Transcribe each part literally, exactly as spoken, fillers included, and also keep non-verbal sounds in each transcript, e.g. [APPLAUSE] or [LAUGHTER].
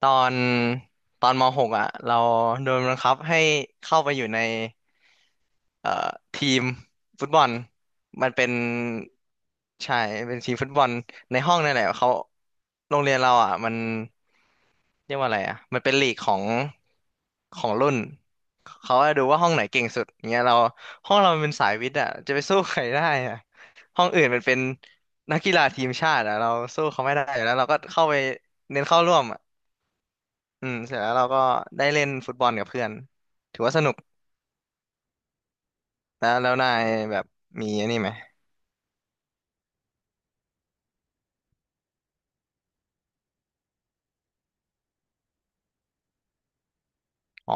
ตอนตอนม .หก อ่ะเราโดนบังคับให้เข้าไปอยู่ในเอ่อทีมฟุตบอลมันเป็นใช่เป็นทีมฟุตบอลในห้องนั่นแหละเขาโรงเรียนเราอ่ะมันเรียกว่าอะไรอ่ะมันเป็นลีกของของรุ่นเขาจะดูว่าห้องไหนเก่งสุดเงี้ยเราห้องเรามันเป็นสายวิทย์อ่ะจะไปสู้ใครได้อ่ะห้องอื่นมันเป็นนักกีฬาทีมชาติอ่ะเราสู้เขาไม่ได้อยู่แล้วเราก็เข้าไปเน้นเข้าร่วม อืมเสร็จแล้วเราก็ได้เล่นฟุตบอลกับเพื่อนถือว่าสนุกแล้วแล้วนายแบบมีอันนี้ไหมอ๋อ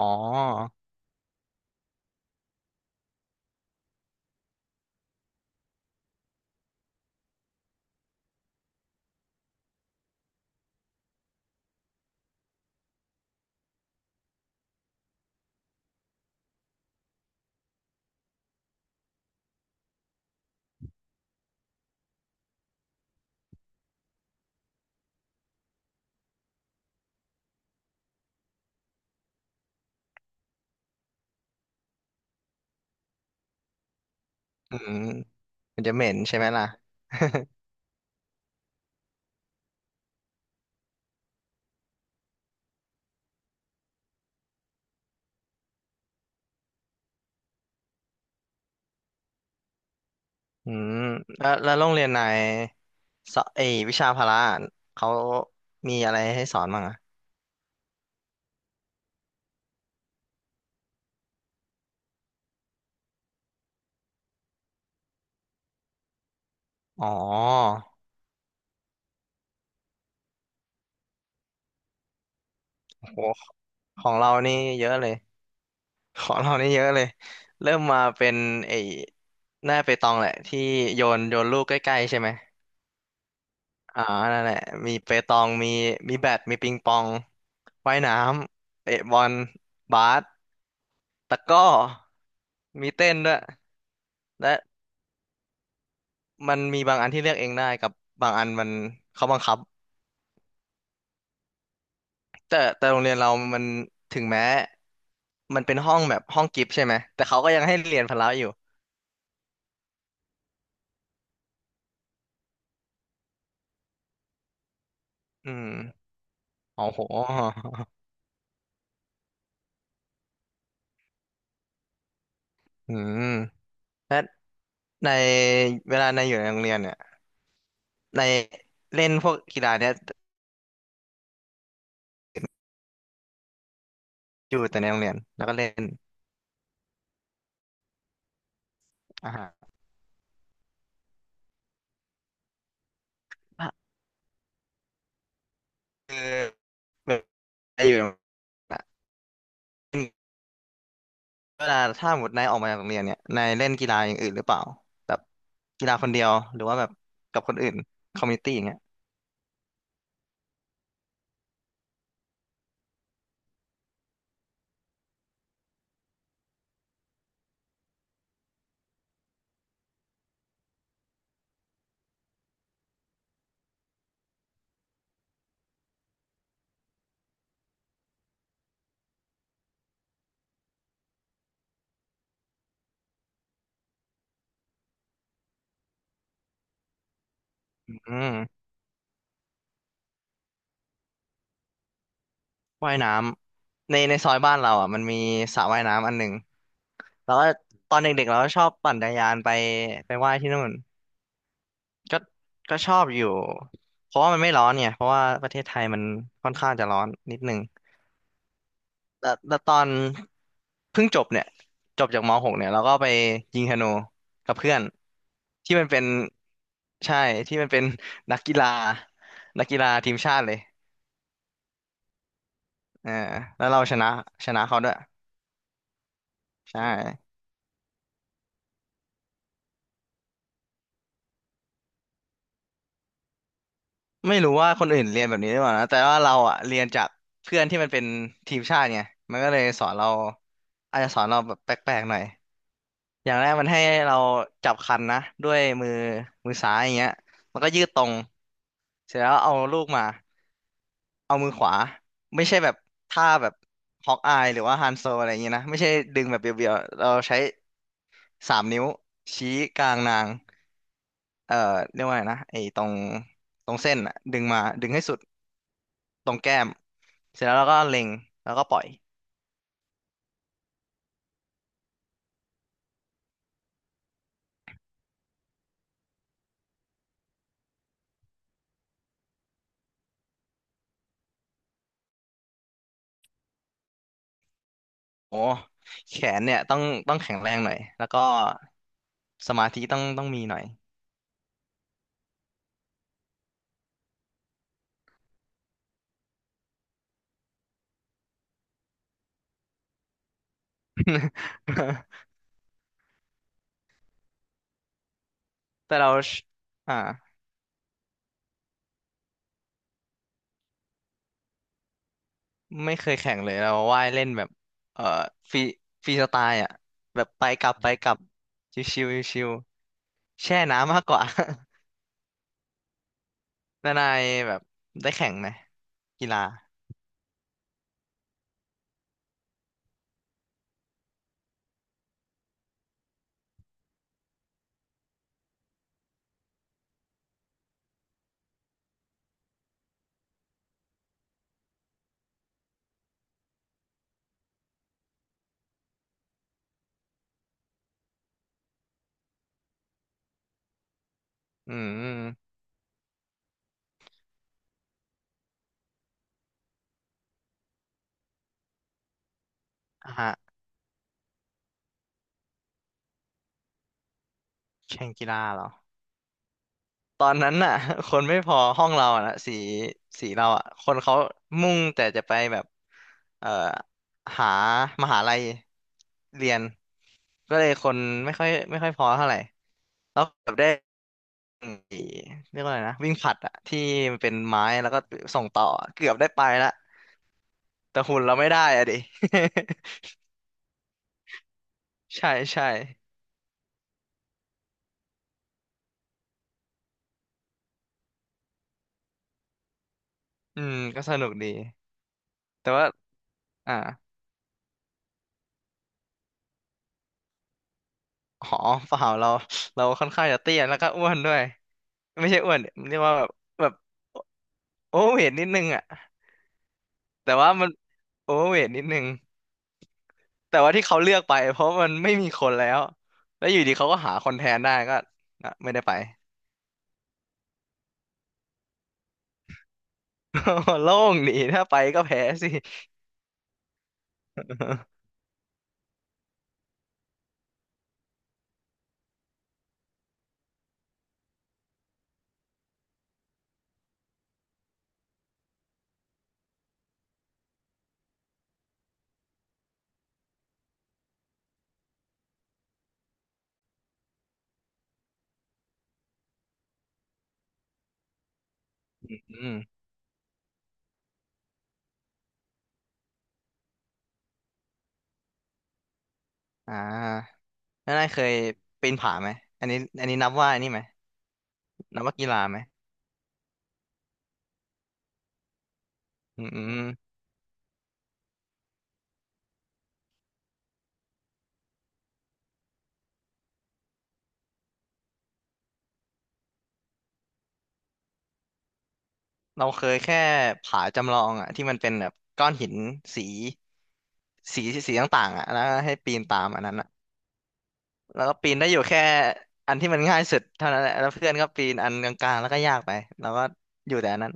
อืมมันจะเหม็นใช่ไหมล่ะ [LAUGHS] อืมแล้วแล้วโรงเรียนนายสอไอวิชาพละเขามีอะไรให้สอนบ้างอะอ๋อโอ้โหของเรานี่เยอะเลยของเรานี่เยอะเลยเริ่มมาเป็นไอหน้าเปตองแหละที่โยนโยนลูกใกล้ๆใช่ไหม อ่านั่นแหละมีเปตองมีมีแบดมีปิงปองว่ายน้ำเตะบอลบาสตะกร้อมีเต้นด้วยและมันมีบางอันที่เลือกเองได้กับบางอันมันเขาบังคับ แต่แต่โรงเรียนเรามันถึงแม้มันเป็นห้องแบบห้องกิฟต์ใช่ไหมแต่เขาก็ยังให้เรียนพละอยู่อืมโอ้โหอืมและในเวลาในอยู่ในโรงเรียนเนี่ยในเล่นพวกกีฬาเนี่ยอยู่แต่ในโรงเรียนแล้วก็เล่นอ่าฮะ คือแบบไอ้อยู่นะเวลาถ้าหมดนายออกมาจากโรงเรียนเนี่ยนายเล่นกีฬาอย่างอื่นหรือเปล่าแบบกีฬาคนเดียวหรือว่าแบบกับคนอื่นคอมมูนิตี้อย่างเงี้ยอืมว่ายน้ำในในซอยบ้านเราอ่ะมันมีสระว่ายน้ำอันหนึ่งแล้วก็ตอนเด็กๆเราก็ชอบปั่นจักรยานไปไปว่ายที่นู่นก็ก็ชอบอยู่เพราะว่ามันไม่ร้อนเนี่ยเพราะว่าประเทศไทยมันค่อนข้างจะร้อนนิดนึง แล้วแล้ตอนเพิ่งจบเนี่ยจบจากม .หก เนี่ยเราก็ไปยิงธนูกับเพื่อนที่มันเป็นใช่ที่มันเป็นนักกีฬานักกีฬาทีมชาติเลยเออแล้วเราชนะชนะเขาด้วยใช่ไม่รู้ว่าคนอื่นเรียนแบบนี้หรือเปล่านะแต่ว่าเราอะเรียนจากเพื่อนที่มันเป็นทีมชาติไงมันก็เลยสอนเราอาจจะสอนเราแบบแปลกๆหน่อยอย่างแรกมันให้เราจับคันนะด้วยมือมือซ้ายอย่างเงี้ยมันก็ยืดตรงเสร็จแล้วเอาลูกมา เอามือขวาไม่ใช่แบบท่าแบบฮอกอายหรือว่าฮันโซอะไรอย่างเงี้ยนะไม่ใช่ดึงแบบเบียวๆเราใช้สามนิ้วชี้กลางนางเอ่อเรียกว่าไงนะไอ้ตรงตรงเส้นอะดึงมาดึงให้สุดตรงแก้มเสร็จแล้วเราก็เล็งแล้วก็ปล่อยโอ้แขนเนี่ยต้องต้องแข็งแรงหน่อยแล้วก็สมาธิต้องต้องมีหน่อย [LAUGHS] แต่เราอ่า ไม่เคยแข่งเลยเราว่ายเล่นแบบเอ่อฟรีฟรีสไตล์อ่ะแบบไปกลับไปกลับชิวชิวชิวๆแช่น้ำมากกว่า [LAUGHS] นานายแบบได้แข่งไหมกีฬาอืมอ่ะฮะแข่งกีฬาเหรอตอนนั้นน่ะ [LAUGHS] คนไม่พอห้องเราอ่ะนะสีสีเราอ่ะคนเขามุ่งแต่จะไปแบบเอ่อหามหาลัยเรียนก็เลยคนไม่ค่อยไม่ค่อยพอเท่าไหร่แล้วแบบได้ ไอ้เรียกว่าอะไรนะวิ่งผลัดอะที่มันเป็นไม้แล้วก็ส่งต่อเกือบได้ไปละแต่หุ่นเราไม่ได้อะดิ [LAUGHS] ใช่ใช่อืมก็สนุกดีแต่ว่าอ่าหอเปล่าเราเราค่อนข้างจะเตี้ยแล้วก็อ้วนด้วยไม่ใช่อ้วนเรียกว่าแบบแบบโอเวอร์เวทนิดนึงอะแต่ว่ามันโอเวอร์เวทนิดนึงแต่ว่าที่เขาเลือกไปเพราะมันไม่มีคนแล้วแล้วอยู่ดีเขาก็หาคนแทนได้ก็อ่ะไม่ได้ไป [LAUGHS] โล่งดีถ้าไปก็แพ้สิ [LAUGHS] อืม อ่าแล้วนายเคยปีนผาไหมอันนี้อันนี้นับว่าอันนี้ไหมนับว่ากีฬาไหมอืมเราเคยแค่ผาจำลองอ่ะที่มันเป็นแบบก้อนหินสีสีสีต่างๆอ่ะแล้วให้ปีนตามอันนั้นอ่ะแล้วก็ปีนได้อยู่แค่อันที่มันง่ายสุดเท่านั้นแหละแล้วเพื่อนก็ปีนอันกลางๆแล้วก็ยากไปแล้วก็อยู่แต่อันนั้น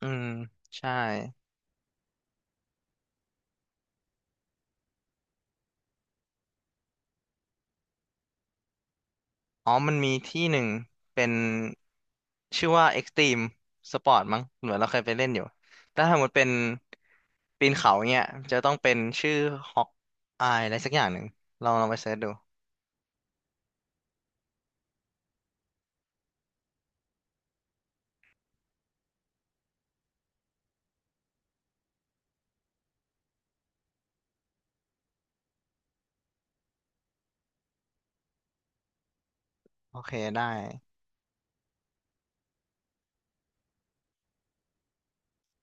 อืมใช่ อ๋อมันมีที่หนึ่งเป็นชื่อว่า Extreme Sport มั้งเหมือนเราเคยไปเล่นอยู่ถ้าสมมติเป็นปีนเขาเนี่ยจะต้องเป็นชื่อฮอกอายอะไรสักอย่างหนึ่งลองลองไปเสิร์ชดูโอเคได้